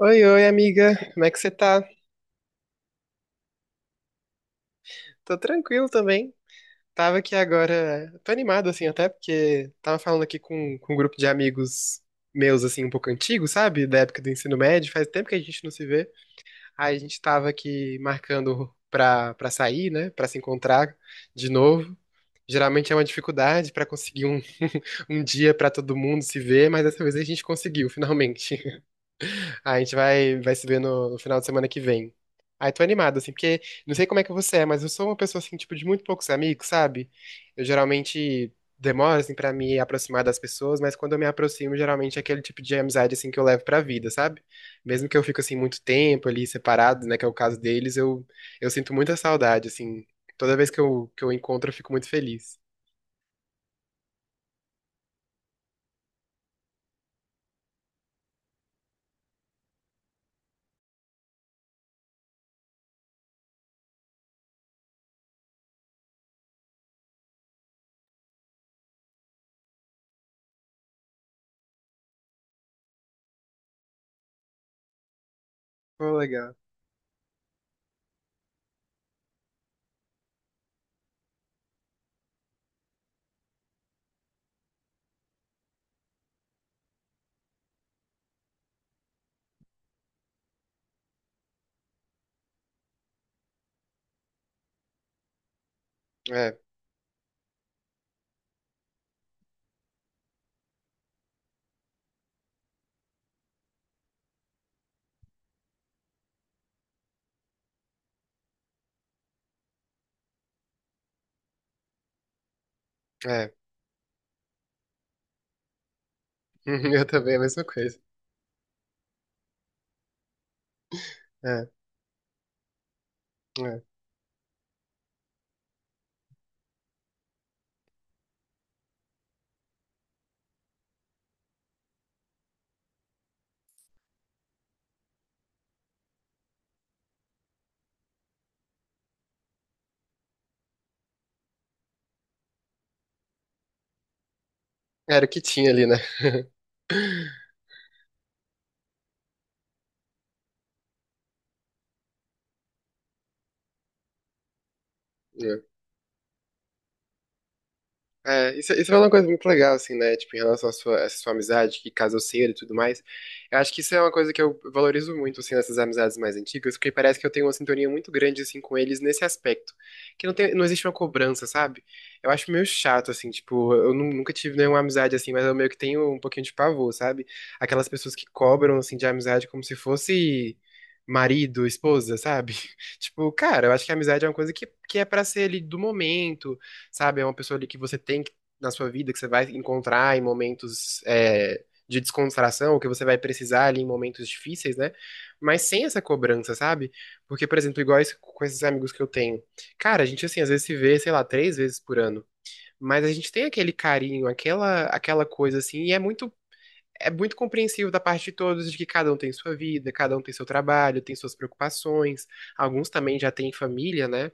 Oi, oi, amiga. Como é que você tá? Tô tranquilo também. Tava aqui agora. Tô animado, assim, até porque tava falando aqui com um grupo de amigos meus, assim, um pouco antigos, sabe? Da época do ensino médio. Faz tempo que a gente não se vê. Aí a gente tava aqui marcando pra sair, né? Pra se encontrar de novo. Geralmente é uma dificuldade pra conseguir um dia pra todo mundo se ver, mas dessa vez a gente conseguiu, finalmente. A gente vai se ver no final de semana que vem. Ai, tô animado, assim, porque não sei como é que você é, mas eu sou uma pessoa, assim, tipo, de muito poucos amigos, sabe? Eu geralmente demoro, assim, pra me aproximar das pessoas, mas quando eu me aproximo, geralmente é aquele tipo de amizade, assim, que eu levo pra vida, sabe? Mesmo que eu fique, assim, muito tempo ali separado, né, que é o caso deles, eu sinto muita saudade, assim. Toda vez que eu encontro, eu fico muito feliz. Pô, legal. É, é. Eu também, a mesma coisa. É, é. Era o que tinha ali, né? É. É, isso é uma coisa muito legal, assim, né? Tipo, em relação à sua, essa sua amizade, que casalceira e tudo mais. Eu acho que isso é uma coisa que eu valorizo muito, assim, nessas amizades mais antigas, porque parece que eu tenho uma sintonia muito grande, assim, com eles nesse aspecto. Que não tem, não existe uma cobrança, sabe? Eu acho meio chato, assim, tipo, nunca tive nenhuma amizade assim, mas eu meio que tenho um pouquinho de pavor, sabe? Aquelas pessoas que cobram, assim, de amizade como se fosse marido, esposa, sabe? Tipo, cara, eu acho que a amizade é uma coisa que é pra ser ali do momento sabe? É uma pessoa ali que você tem que- na sua vida, que você vai encontrar em momentos de descontração, ou que você vai precisar ali em momentos difíceis, né? Mas sem essa cobrança, sabe? Porque, por exemplo, com esses amigos que eu tenho. Cara, a gente, assim, às vezes se vê, sei lá, três vezes por ano. Mas a gente tem aquele carinho, aquela coisa, assim, e é muito. É muito compreensível da parte de todos de que cada um tem sua vida, cada um tem seu trabalho, tem suas preocupações. Alguns também já têm família, né?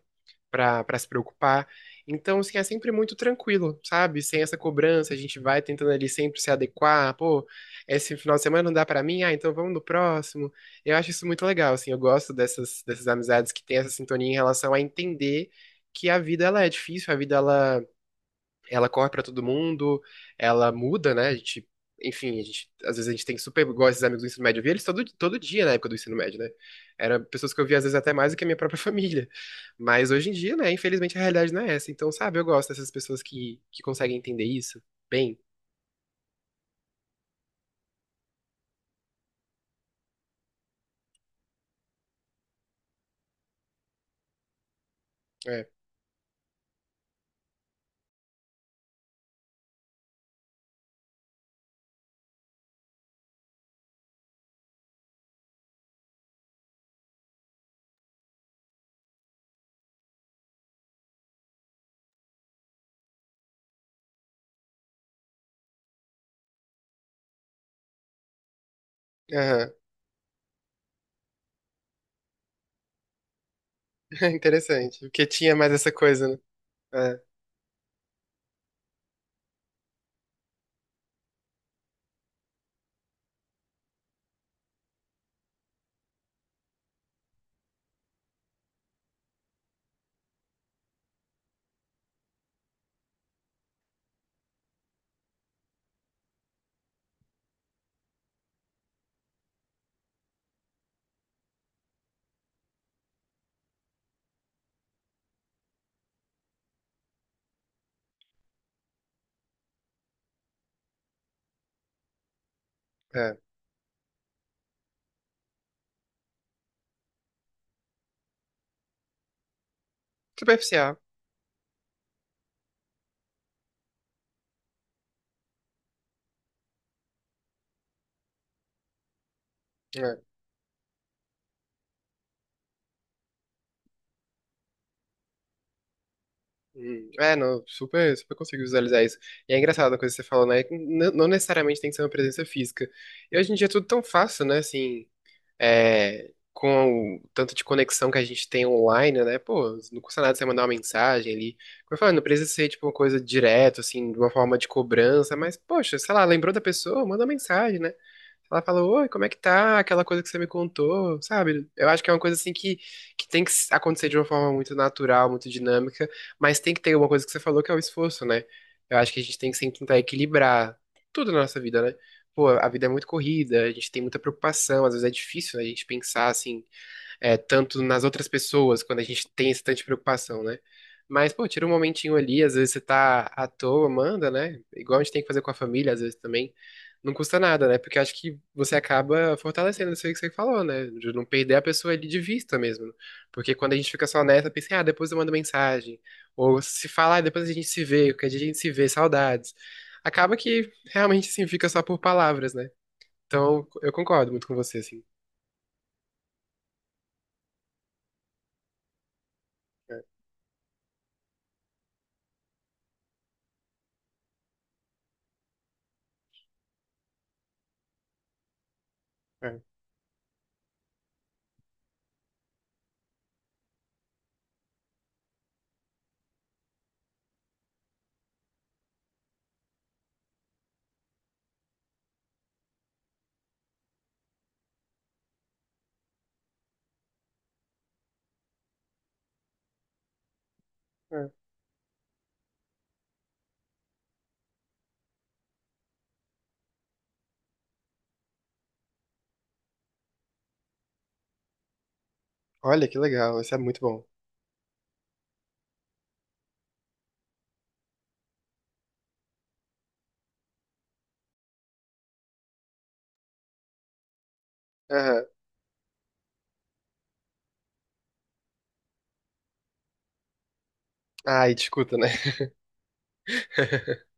Pra se preocupar. Então, assim, é sempre muito tranquilo, sabe? Sem essa cobrança, a gente vai tentando ali sempre se adequar. Pô, esse final de semana não dá pra mim, ah, então vamos no próximo. Eu acho isso muito legal, assim, eu gosto dessas amizades que têm essa sintonia em relação a entender que a vida, ela é difícil, a vida, ela corre pra todo mundo, ela muda, né? A gente, enfim, a gente, às vezes a gente tem super, igual esses amigos do ensino médio, eu via eles todo, todo dia na época do ensino médio, né? Eram pessoas que eu via às vezes até mais do que a minha própria família. Mas hoje em dia, né, infelizmente a realidade não é essa. Então, sabe, eu gosto dessas pessoas que conseguem entender isso bem. É. Aham. Interessante. Porque tinha mais essa coisa, né? É, é. Superficial. É. É, não, super, super consigo visualizar isso. E é engraçado a coisa que você falou, né? Não necessariamente tem que ser uma presença física. E hoje em dia é tudo tão fácil, né? Assim, com o tanto de conexão que a gente tem online, né? Pô, não custa nada você mandar uma mensagem ali. Como eu falei, não precisa ser, tipo, uma coisa direto, assim, de uma forma de cobrança, mas, poxa, sei lá, lembrou da pessoa, manda uma mensagem, né? Ela fala, oi, como é que tá? Aquela coisa que você me contou, sabe? Eu acho que é uma coisa assim que tem que acontecer de uma forma muito natural, muito dinâmica, mas tem que ter uma coisa que você falou que é o esforço, né? Eu acho que a gente tem que sempre tentar equilibrar tudo na nossa vida, né? Pô, a vida é muito corrida, a gente tem muita preocupação, às vezes é difícil, né, a gente pensar assim tanto nas outras pessoas, quando a gente tem essa tanta preocupação, né? Mas, pô, tira um momentinho ali, às vezes você tá à toa, manda, né? Igual a gente tem que fazer com a família, às vezes também. Não custa nada, né? Porque eu acho que você acaba fortalecendo isso aí que você falou, né? De não perder a pessoa ali de vista mesmo. Porque quando a gente fica só nessa, pensa, ah, depois eu mando mensagem. Ou se fala, ah, depois a gente se vê, qualquer dia a gente se vê, saudades. Acaba que realmente, assim, fica só por palavras, né? Então, eu concordo muito com você, assim. É, é, é. Olha que legal, isso é muito bom. Aham. Ai, discuta, né?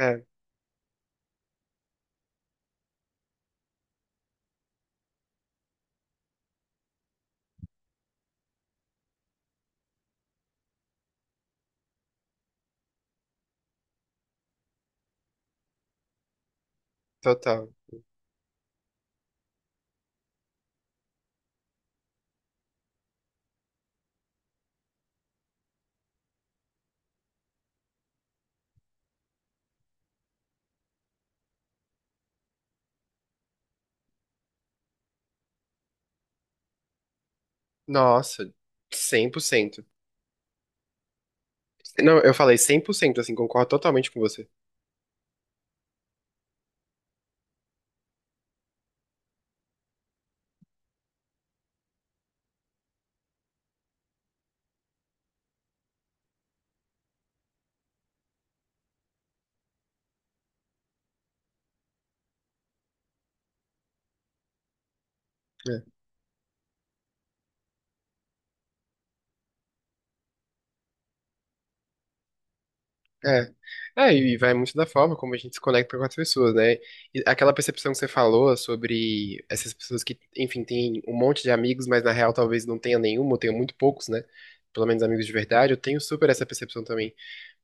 É, total. Nossa, 100%. Não, eu falei 100%, assim, concordo totalmente com você. É. É. É, e vai muito da forma como a gente se conecta com as pessoas, né? E aquela percepção que você falou sobre essas pessoas que, enfim, têm um monte de amigos, mas na real talvez não tenha nenhum, ou tenha muito poucos, né? Pelo menos amigos de verdade, eu tenho super essa percepção também.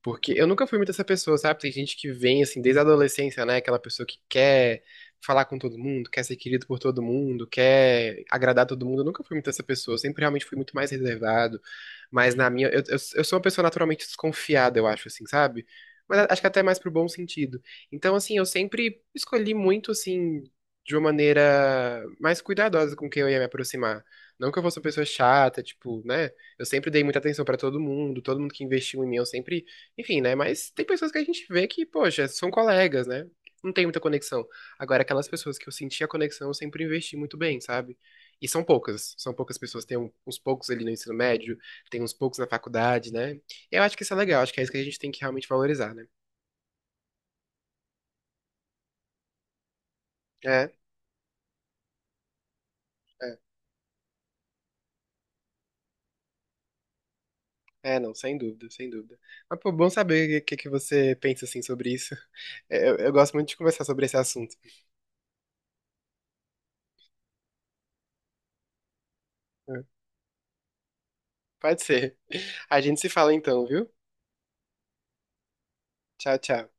Porque eu nunca fui muito essa pessoa, sabe? Tem gente que vem, assim, desde a adolescência, né? Aquela pessoa que quer falar com todo mundo, quer ser querido por todo mundo, quer agradar todo mundo. Eu nunca fui muito essa pessoa. Eu sempre realmente fui muito mais reservado. Mas na minha. Eu sou uma pessoa naturalmente desconfiada, eu acho, assim, sabe? Mas acho que até mais pro bom sentido. Então, assim, eu sempre escolhi muito, assim, de uma maneira mais cuidadosa com quem eu ia me aproximar. Não que eu fosse uma pessoa chata, tipo, né? Eu sempre dei muita atenção pra todo mundo que investiu em mim, eu sempre enfim, né? Mas tem pessoas que a gente vê que, poxa, são colegas, né? Não tem muita conexão. Agora, aquelas pessoas que eu senti a conexão, eu sempre investi muito bem, sabe? E são poucas. São poucas pessoas. Uns poucos ali no ensino médio, tem uns poucos na faculdade, né? Eu acho que isso é legal. Acho que é isso que a gente tem que realmente valorizar, né? É, é. É, não, sem dúvida, sem dúvida. Mas, pô, bom saber o que, que você pensa, assim, sobre isso. Eu gosto muito de conversar sobre esse assunto. É, pode ser. A gente se fala então, viu? Tchau, tchau.